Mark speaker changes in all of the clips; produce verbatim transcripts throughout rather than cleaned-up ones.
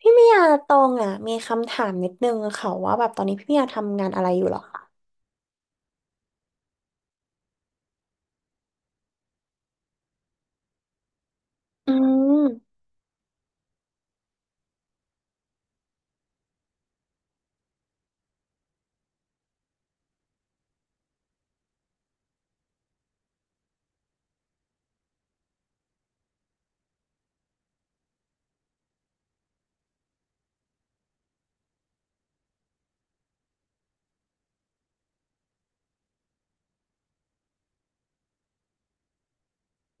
Speaker 1: พี่เมียตองอ่ะมีคำถามนิดนึงค่ะว่าแบบตอนนี้พี่เมียทำงานอะไรอยู่เหรอคะอืม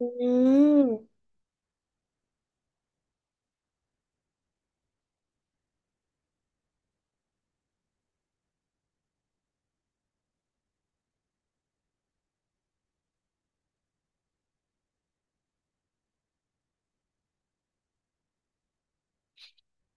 Speaker 1: อืม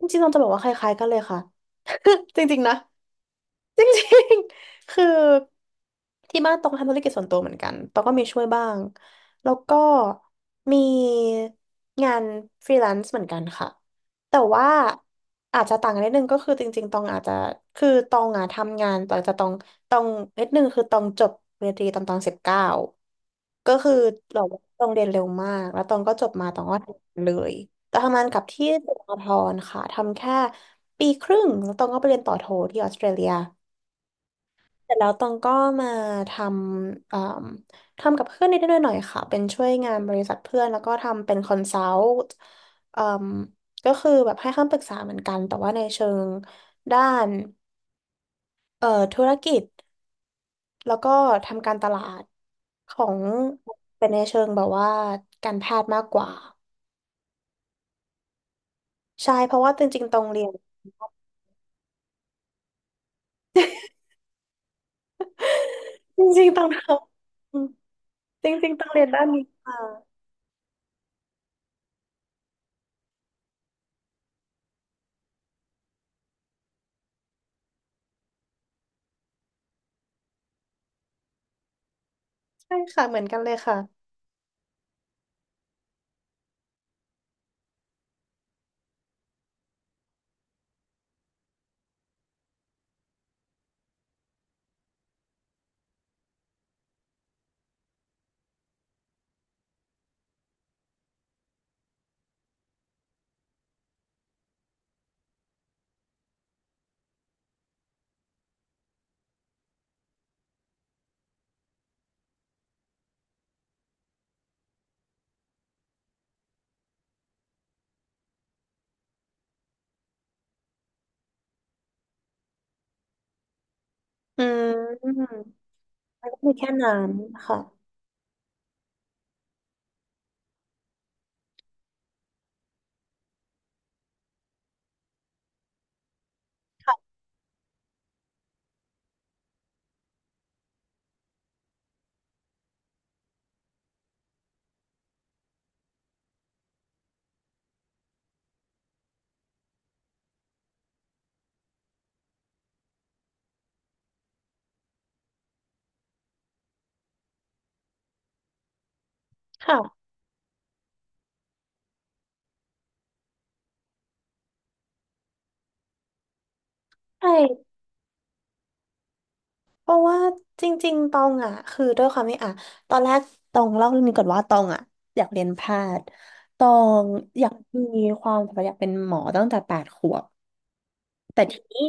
Speaker 1: จริงๆตองจะบอกว่าคล้ายๆกันเลยค่ะ จริงๆนะ จริงๆคือที่บ้านตองทำธุรกิจส่วนตัวเหมือนกันตองก็มีช่วยบ้างแล้วก็มีงานฟรีแลนซ์เหมือนกันค่ะแต่ว่าอาจจะต่างกันนิดนึงก็คือจริงๆตองอาจจะคือตองอะทำงานหลังจากตองตองนิดนึงคือตองจบปริญญาตรีตอนตอนสิบเก้าก็คือเราตองเรียนเร็วมากแล้วตองก็จบมาตองก็ทำงานเลยตองทำงานกับที่สหกรณ์ค่ะทำแค่ปีครึ่งแล้วตองก็ไปเรียนต่อโทที่ออสเตรเลีย เสร็จแล้วตองก็มาทำเอ่มทำกับเพื่อนนิดๆหน่อยๆค่ะเป็นช่วยงานบริษัทเพื่อนแล้วก็ทำเป็นคอนซัลท์เอ่มก็คือแบบให้คำปรึกษาเหมือนกันแต่ว่าในเชิงด้านเอ่อธุรกิจแล้วก็ทำการตลาดของเป็นในเชิงแบบว่าการแพทย์มากกว่าใช่เพราะว่าจริงๆตองเรียนจริงๆตองทำจริงๆตองเรียนด้านนี้ค่ะใช่ค่ะเหมือนกันเลยค่ะอืม แล้วก็มีแค่นั้นค่ะค่ะใช่เพราะว่าจริงๆตองอ่ะคือด้วยความที่อ่ะตอนแรกตองเล่าเรื่องนี้ก่อนว่าตองอ่ะอยากเรียนแพทย์ตองอยากมีความฝันอยากเป็นหมอตั้งแต่แปดขวบแต่ทีนี้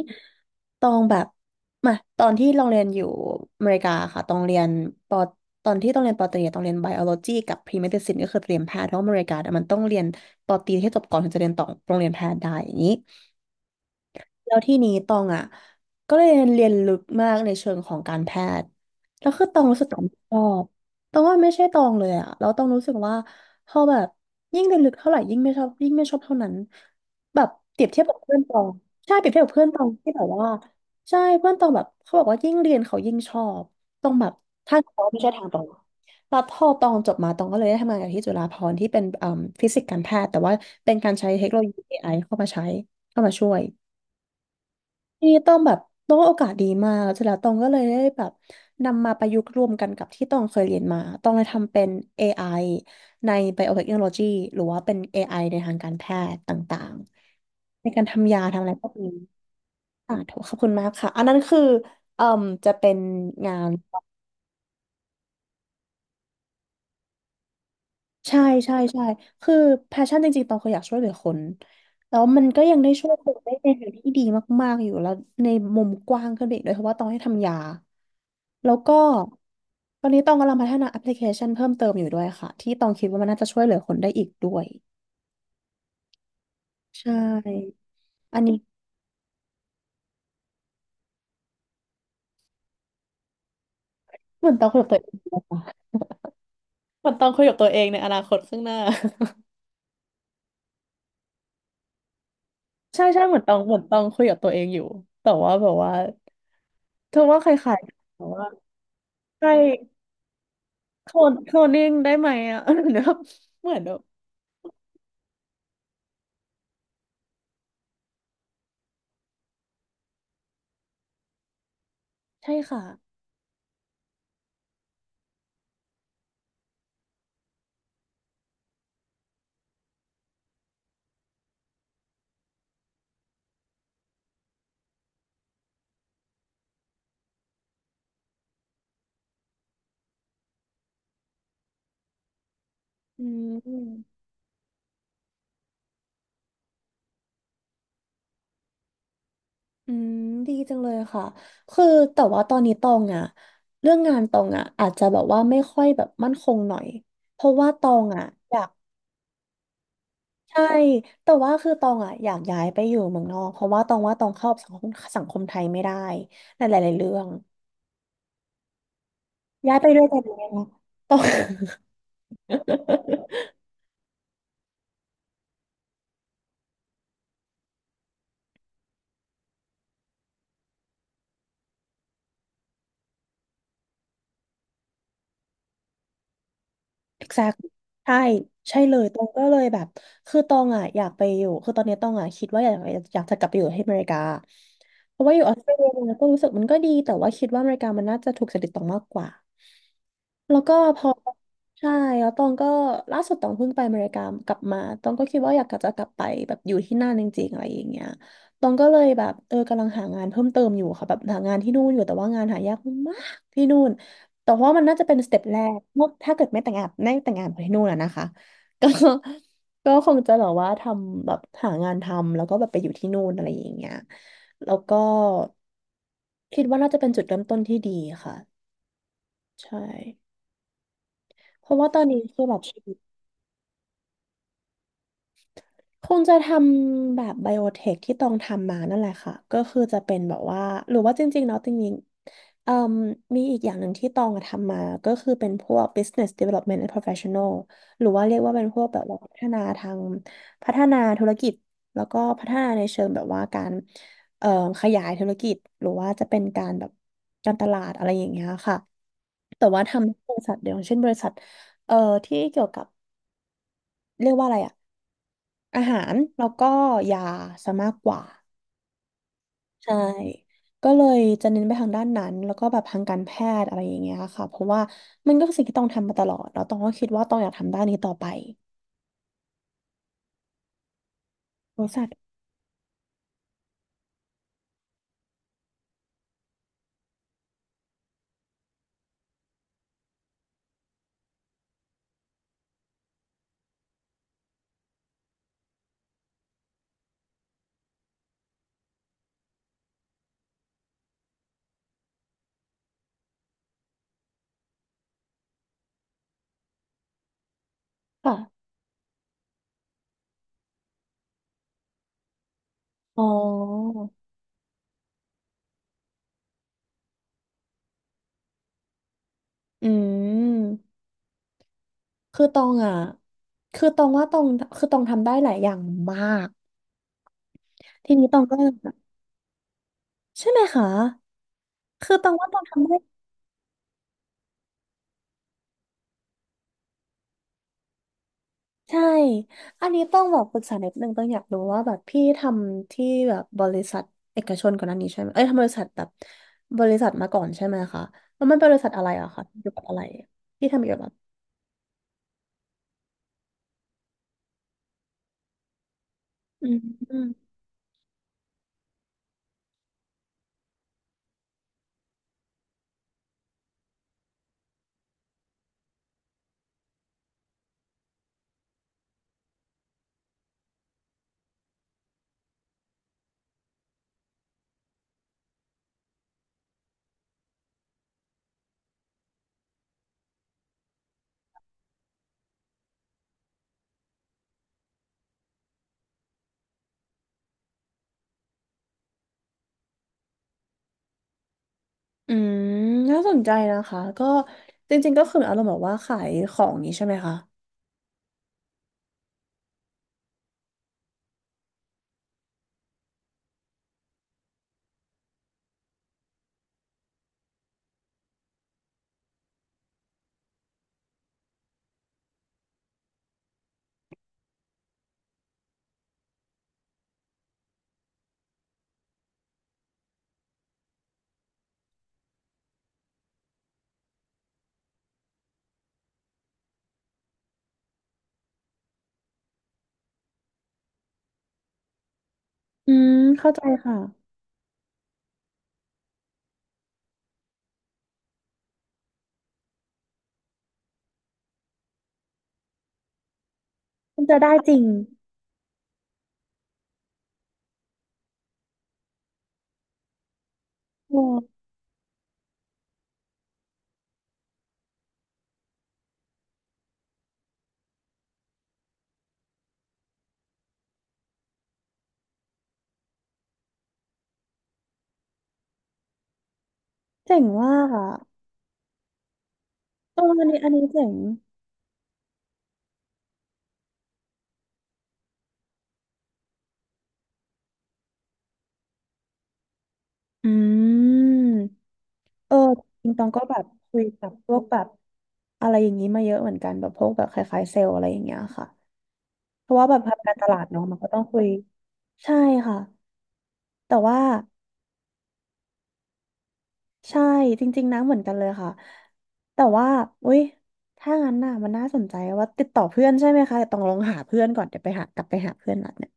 Speaker 1: ตองแบบมาตอนที่ลองเรียนอยู่อเมริกาค่ะตองเรียนปอตอนที่ต้องเรียนปอตรีอะต้องเรียนไบโอโลจีกับพรีเมดิซินก็คือเรียนแพทย์เพราะว่าอเมริกาเนี่ยมันต้องเรียนปอตรีให้จบก่อนถึงจะเรียนต่อโรงเรียนแพทย์ได้อย่างนี้ แล้วที่นี้ตองอ่ะก็เลยเรียนลึกมากในเชิงของการแพทย์แล้วคือตองรู้สึกตองชอบตองว่าไม่ใช่ตองเลยอ่ะแล้วตองรู้สึกว่าพอแบบยิ่งเรียนลึกเท่าไหร่ยิ่งไม่ชอบยิ่งไม่ชอบเท่านั้นแบบเปรียบเทียบกับเพื่อนตองใช่เปรียบเทียบกับเพื่อนตองที่แบบว่าใช่เพื่อนตองแบบเขาบอกว่ายิ่งเรียนเขายิ่งชอบตองแบบทางเขาไม่ใช่ทางตองแล้วพอตองจบมาตองก็เลยได้ทำงานกับที่จุฬาภรณ์ที่เป็นเอ่มฟิสิกส์การแพทย์แต่ว่าเป็นการใช้เทคโนโลยีเอไอเข้ามาใช้เข้ามาช่วย ทีนี้ต้องแบบต้องว่าโอกาสดีมากเสร็จแล้วตองก็เลยได้แบบนำมาประยุกต์รวมกันกับที่ตองเคยเรียนมาตองเลยทำเป็น เอ ไอ ใน Biotechnology หรือว่าเป็น เอ ไอ ในทางการแพทย์ต่างๆในการทำยาทำอะไรพวกนี้ค่าถูกขอบคุณมากค่ะ อันนั้นคือเอ่มจะเป็นงาน ใช่ใช่ใช่คือแพชชั่นจริงๆตองเคยอยากช่วยเหลือคนแล้วมันก็ยังได้ช่วยคนได้ในทางที่ดีมากๆอยู่แล้วในมุมกว้างขึ้นไปอีกด้วยเพราะว่าตองให้ทำยาแล้วก็ตอนนี้ตองกำลังพัฒนาแอปพลิเคชันเพิ่มเติมอยู่ด้วยค่ะที่ตองคิดว่ามันน่าจะช่วยเหลือคนได้อีกด้วยใช่อันนี้เหมือนตองคุยกับตัวเองเลยค่ะเหมือนตองคุยกับตัวเองในอนาคตข้างหน้าใช่ใช่เหมือนตองเหมือนตองคุยกับตัวเองอยู่แต่ว่าแบบว่าเธอว่าใครๆแต่ว่าใช่ โทนโทนนิ่งได้ไหมอ่ะ เดี๋ยวเหมือนแบบใช่ค่ะอืมอืมดีจังเลยค่ะคือแต่ว่าตอนนี้ตองอ่ะเรื่องงานตองอ่ะอาจจะแบบว่าไม่ค่อยแบบมั่นคงหน่อยเพราะว่าตองอ่ะอยากใช่แต่ว่าคือตองอ่ะอยากย้ายไปอยู่เมืองนอกเพราะว่าตองว่าตองเข้าสังคมสังคมไทยไม่ได้ในหลายๆเรื่องย้ายไปด้วยกันเลยนะตอง exact ใช่ใช่เลยตองก็เลยแบบคือตองอ่ะอยากไปอยู่คือตอนนี้ตองอ่ะคิดว่าอยากอยากจะกลับไปอยู่ที่อเมริกาเพราะว่าอยู่ออสเตรเลียเนี่ยก็รู้สึกมันก็ดีแต่ว่าคิดว่าอเมริกามันน่าจะถูกจริตตองมากกว่าแล้วก็พอใช่แล้วตองก็ล่าสุดตองเพิ่งไปอเมริกากลับมาตองก็คิดว่าอยากจะกลับไปแบบอยู่ที่นั่นจริงๆอะไรอย่างเงี้ยตองก็เลยแบบเออกำลังหางานเพิ่มเติมอยู่ค่ะแบบหางานที่นู่นอยู่แต่ว่างานหายากมากที่นู่น แต่ว่ามันน่าจะเป็นสเต็ปแรกเมื่อถ้าเกิดไม่แต่งงานไม่แต่งงานไปที่นู่นอะนะคะ ก็ก็คงจะแบบว่าทำแบบหางานทำแล้วก็แบบไปอยู่ที่นู่นอะไรอย่างเงี้ยแล้วก็คิดว่าน่าจะเป็นจุดเริ่มต้นที่ดีค่ะใช่เพราะว่าตอนนี้คือแบบชี คงจะทำแบบไบโอเทคที่ต้องทำมานั่นแหละค่ะก็คือจะเป็นแบบว่าหรือว่าจริงๆเนาะจริงๆเอ่มมีอีกอย่างหนึ่งที่ตองอะทำมาก็คือเป็นพวก business development and professional หรือว่าเรียกว่าเป็นพวกแบบว่าพัฒนาทางพัฒนาธุรกิจแล้วก็พัฒนาในเชิงแบบว่าการเอ่อขยายธุรกิจหรือว่าจะเป็นการแบบการตลาดอะไรอย่างเงี้ยค่ะแต่ว่าทำบริษัทเดียวเช่นบริษัทเอ่อที่เกี่ยวกับเรียกว่าอะไรอะ อาหารแล้วก็ยาซะมากกว่าใช่ก็เลยจะเน้นไปทางด้านนั้นแล้วก็แบบทางการแพทย์อะไรอย่างเงี้ยค่ะเพราะว่ามันก็คือสิ่งที่ต้องทำมาตลอดแล้วต้องก็คิดว่าต้องอยากทำด้านนี้ต่อไปบริษัทค่ะอ๋ออืมคือตองอ่ะคือตองว่าตองคือตองทำได้หลายอย่างมากทีนี้ตองก็ใช่ไหมคะคือตองว่าตองทำได้ ใช่อันนี้ต้องบอกปรึกษานิดนึงต้องอยากรู้ว่าแบบพี่ทำที่แบบบริษัทเอกชนก่อนหน้านี้ใช่ไหมเอ้ยทำบริษัทแบบบริษัทมาก่อนใช่ไหมคะแล้วมันเป็นบริษัทอะไรอะคะเกี่ยวกับอะไรพี่ทำเกี่ยวกับอืมอืมอืมน่าสนใจนะคะก็จริงๆก็คืออารมณ์แบบว่าขายของนี้ใช่ไหมคะอืมเข้าใจค่ะมันจะได้จริงโอ้เจ๋งมากอะตรงอันนี้อันนี้เจ๋งอืม เออจริงๆตองก็แบบคุยกับพวกแบบอะไรอย่างนี้มาเยอะเหมือนกันแบบพวกแบบคล้ายๆเซลล์อะไรอย่างเงี้ยค่ะเพราะว่าแบบทำการตลาดเนาะมันก็ต้องคุยใช่ค่ะแต่ว่าใช่จริงๆนะเหมือนกันเลยค่ะแต่ว่าอุ้ยถ้างั้นน่ะมันน่าสนใจว่าติดต่อเพื่อนใช่ไหมคะแต่ต้องลองหาเพื่อนก่อนเดี๋ยวไปหากลับไปหาเพื่อนนัดเนี่ย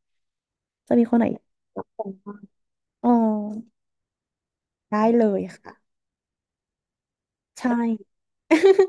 Speaker 1: จะมีคนไหนรับผมบ้างอ๋อได้เลยค่ะใช่